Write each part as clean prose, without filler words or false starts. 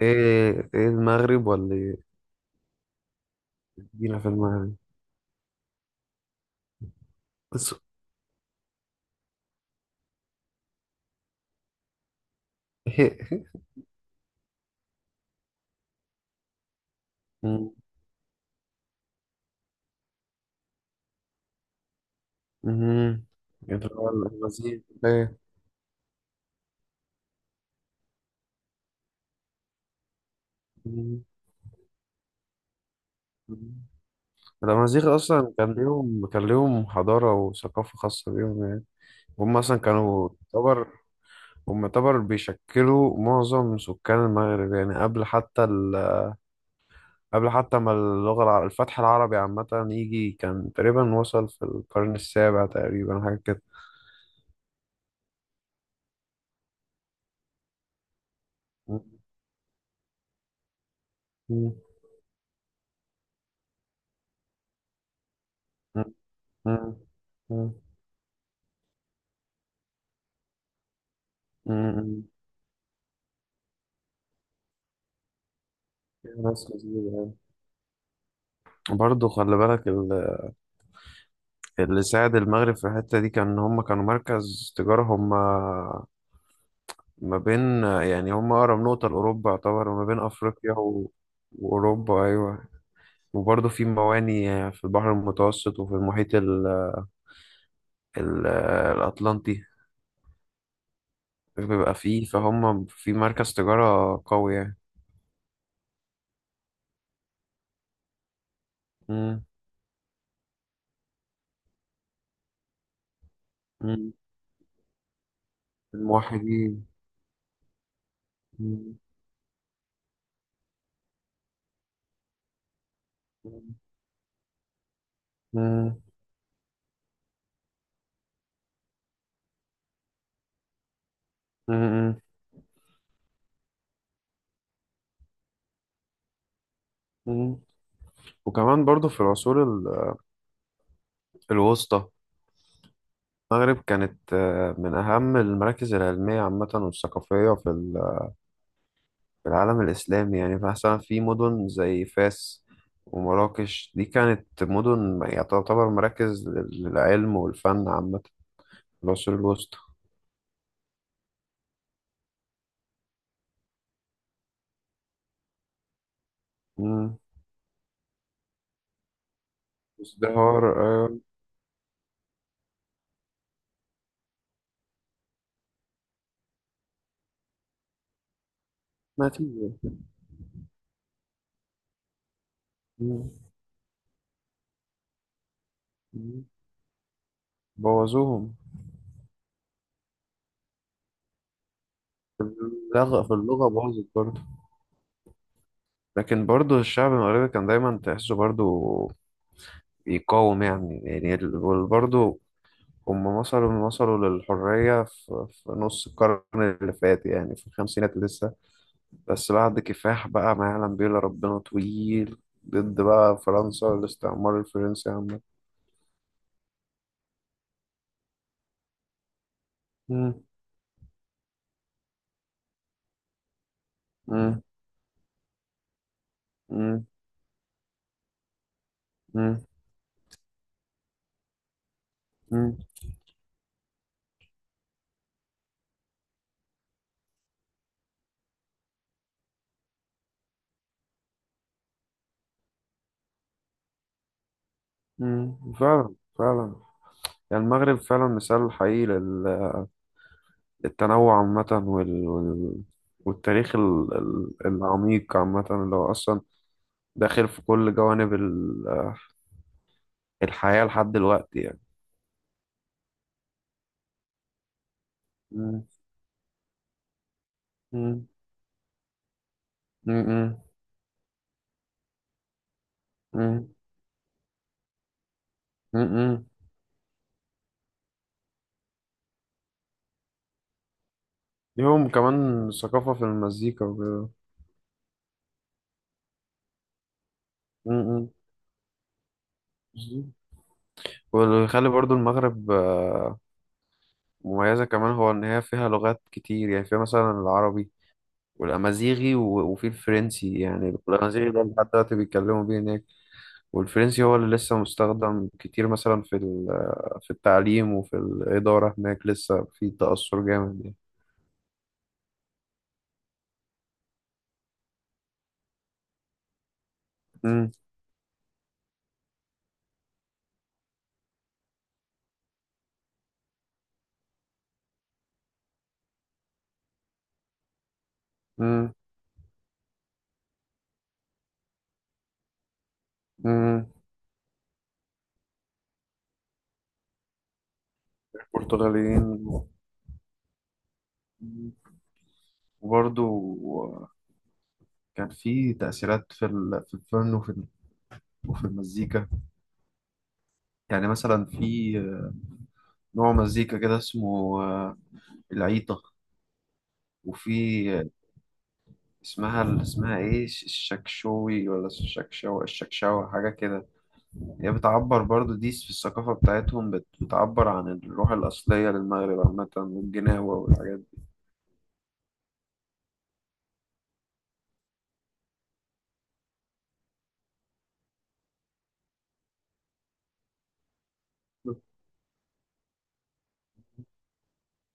ايه، ايه، المغرب ولا ايه؟ جينا في المغرب بس. إيه. مم. مم. اللي هو الأمازيغ. ايه. مم. مم. الأمازيغ أصلا كان ليهم، كان ليهم حضارة وثقافة خاصة بيهم يعني. هم أصلا كانوا يعتبر، هم يعتبر بيشكلوا معظم سكان المغرب يعني قبل حتى قبل حتى ما اللغة الفتح العربي عامة يجي، كان تقريبا وصل في القرن السابع تقريبا حاجة كده. مم. مم. مم. مم. امم. ناس لذيذة. برضه خلي بالك اللي ساعد المغرب في الحتة دي كان إن هم كانوا مركز تجارة هم، ما بين يعني هم أقرب نقطة لأوروبا يعتبر، ما بين أفريقيا وأوروبا. أيوة. وبرضه في مواني في البحر المتوسط وفي المحيط ال... الأطلنطي. بيبقى فيه فهم في مركز تجارة قوي يعني. مم. مم. الموحدين. مم. مم. مم. مم. وكمان برضو في العصور الوسطى المغرب كانت، من أهم المراكز العلمية عامة والثقافية في في العالم الإسلامي يعني، مثلا في مدن زي فاس ومراكش دي كانت مدن يعني تعتبر مراكز للعلم والفن عامة في العصور الوسطى. مم. ازدهار. آه، نتيجة. مم. مم. بوظوهم. لغة، في اللغة باظت برضه. لكن برضه الشعب المغربي كان دايما تحسه برضه يقاوم يعني، يعني برضه هم وصلوا، وصلوا للحرية في, في نص القرن اللي فات يعني، في الخمسينات لسه، بس بعد كفاح بقى ما يعلم بيه إلا ربنا طويل ضد بقى فرنسا والاستعمار الفرنسي عامة. مم، مم، مم، مم، مم، مم. فعلا، فعلا. يعني المغرب فعلا مثال حقيقي للتنوع عامة والتاريخ العميق عامة، اللي هو أصلا داخل في كل جوانب الحياة لحد دلوقتي يعني. مم، مم. م- م- م- م- م. ليهم كمان ثقافة في المزيكا وكده. م- م. بالظبط. واللي يخلي برضو المغرب، مميزة كمان، هو إن هي فيها لغات كتير، يعني فيها مثلا العربي والأمازيغي وفي الفرنسي. يعني الأمازيغي ده لحد دلوقتي بيتكلموا بيه هناك، والفرنسي هو اللي لسه مستخدم كتير مثلا في في التعليم وفي الإدارة، هناك لسه في تأثر جامد يعني. م- م- م. البرتغاليين. وبرضو كان في تأثيرات في في الفن وفي وفي المزيكا. يعني مثلا في، نوع مزيكا كده اسمه، العيطة. وفي، آه، اسمها، اسمها ايه الشكشوي ولا الشكشوى، الشكشوى حاجة كده. هي بتعبر برضو دي في الثقافة بتاعتهم، بتعبر عن الروح الأصلية للمغرب عامة، والجناوة والحاجات دي.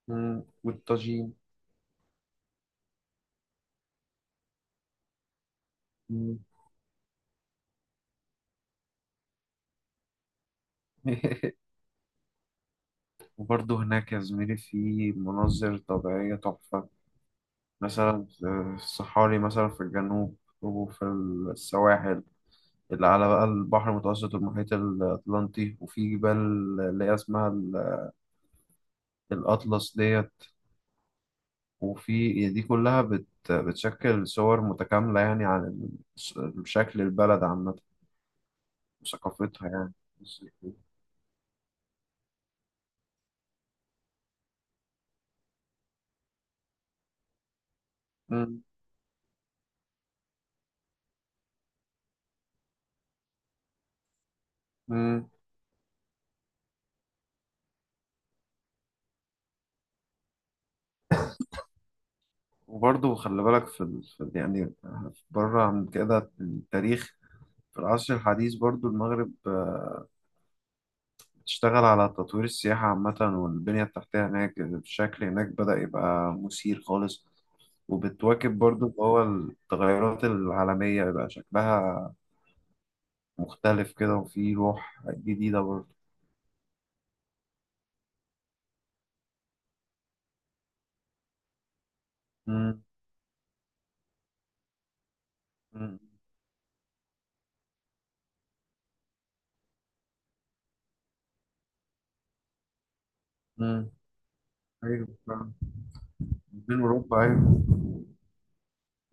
مم. والطاجين. مم. وبرضه هناك يا زميلي في مناظر طبيعية تحفة. مثلا في الصحاري مثلا في الجنوب، وفي السواحل اللي على بقى البحر المتوسط والمحيط الأطلنطي، وفي جبال اللي هي اسمها الأطلس ديت. وفي دي كلها بت، بتشكل صور متكاملة يعني عن شكل البلد عامة وثقافتها يعني. مم. مم. وبرضه خلي بالك في, في يعني بره عن كده التاريخ، في العصر الحديث برضه المغرب تشتغل على تطوير السياحة عامة والبنية التحتية، هناك الشكل هناك بدأ يبقى مثير خالص. وبتواكب برضو اللي هو التغيرات العالمية، يبقى شكلها مختلف كده وفي روح جديدة برضو. مم. مم. مم. أيوة فعلا. بين أوروبا أيوة.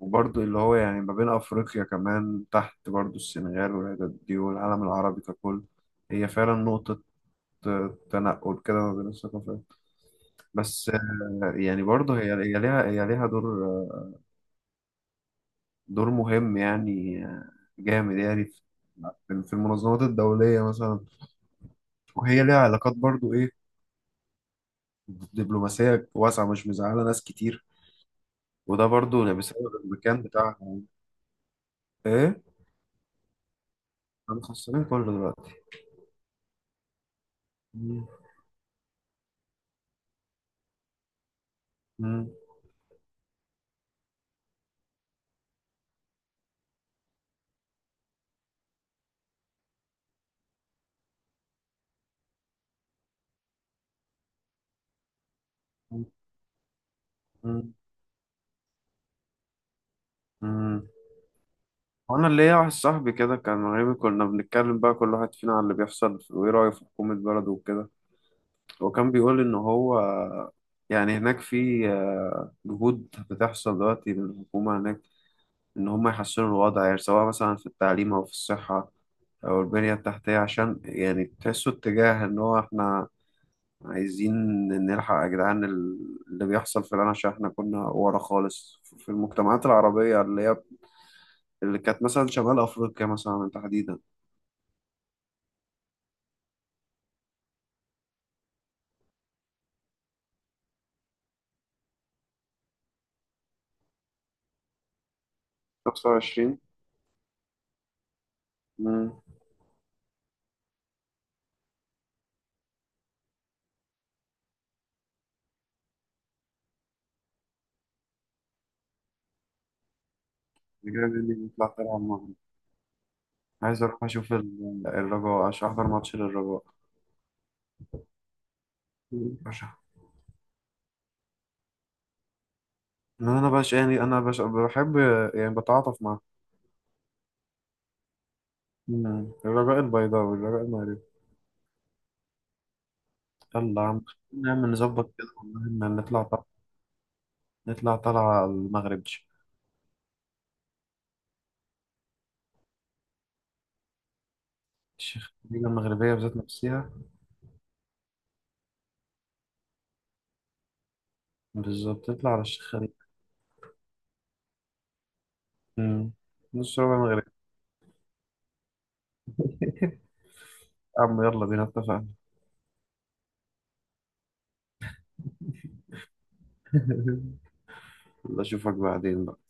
وبرضو اللي هو يعني ما بين أفريقيا كمان تحت برضو، السنغال والعدد دي، والعالم العربي ككل. هي فعلا نقطة، تنقل كده ما بين الثقافات بس. يعني برضه هي ليها، ليها دور، دور مهم يعني جامد يعني في، في المنظمات الدولية مثلا، وهي ليها علاقات برضه إيه، دبلوماسية واسعة مش مزعلة ناس كتير. وده برضه يعني بسبب المكان بتاعها. إيه؟ أنا خسران كله دلوقتي. مم. مم. مم. مم. وأنا اللي ليا واحد صاحبي كده كان مغربي، كنا بنتكلم بقى كل واحد فينا على اللي بيحصل وإيه رأيه في حكومة بلده وكده. وكان بيقول إن هو يعني هناك في، جهود بتحصل دلوقتي من الحكومة هناك، إن هم يحسنوا الوضع يعني سواء مثلا في التعليم أو في الصحة أو البنية التحتية، عشان يعني تحسوا اتجاه إن هو إحنا عايزين نلحق يا جدعان اللي بيحصل في العالم، عشان إحنا كنا ورا خالص في المجتمعات العربية اللي هي اللي كانت مثلا شمال أفريقيا مثلا تحديدا. 25. مم. الرجال اللي بيطلع تلعب معاهم. عايز أروح أشوف الرجاء، عشان أحضر ماتش للرجاء. بشع. انا بش يعني انا بش بحب يعني بتعاطف معاه. مم. الرجاء البيضاوي، الرجاء المغربي. يلا يا عم، نعمل نظبط كده والله، إن نطلع طلع. نطلع طلعة على المغرب. الشيخ الخليج المغربية بذات نفسها. بالظبط، نطلع على الشيخ خليج. مم. نص ربع مغربي. يا عم يلا بينا، اتفقنا. يلا اشوفك بعدين بقى.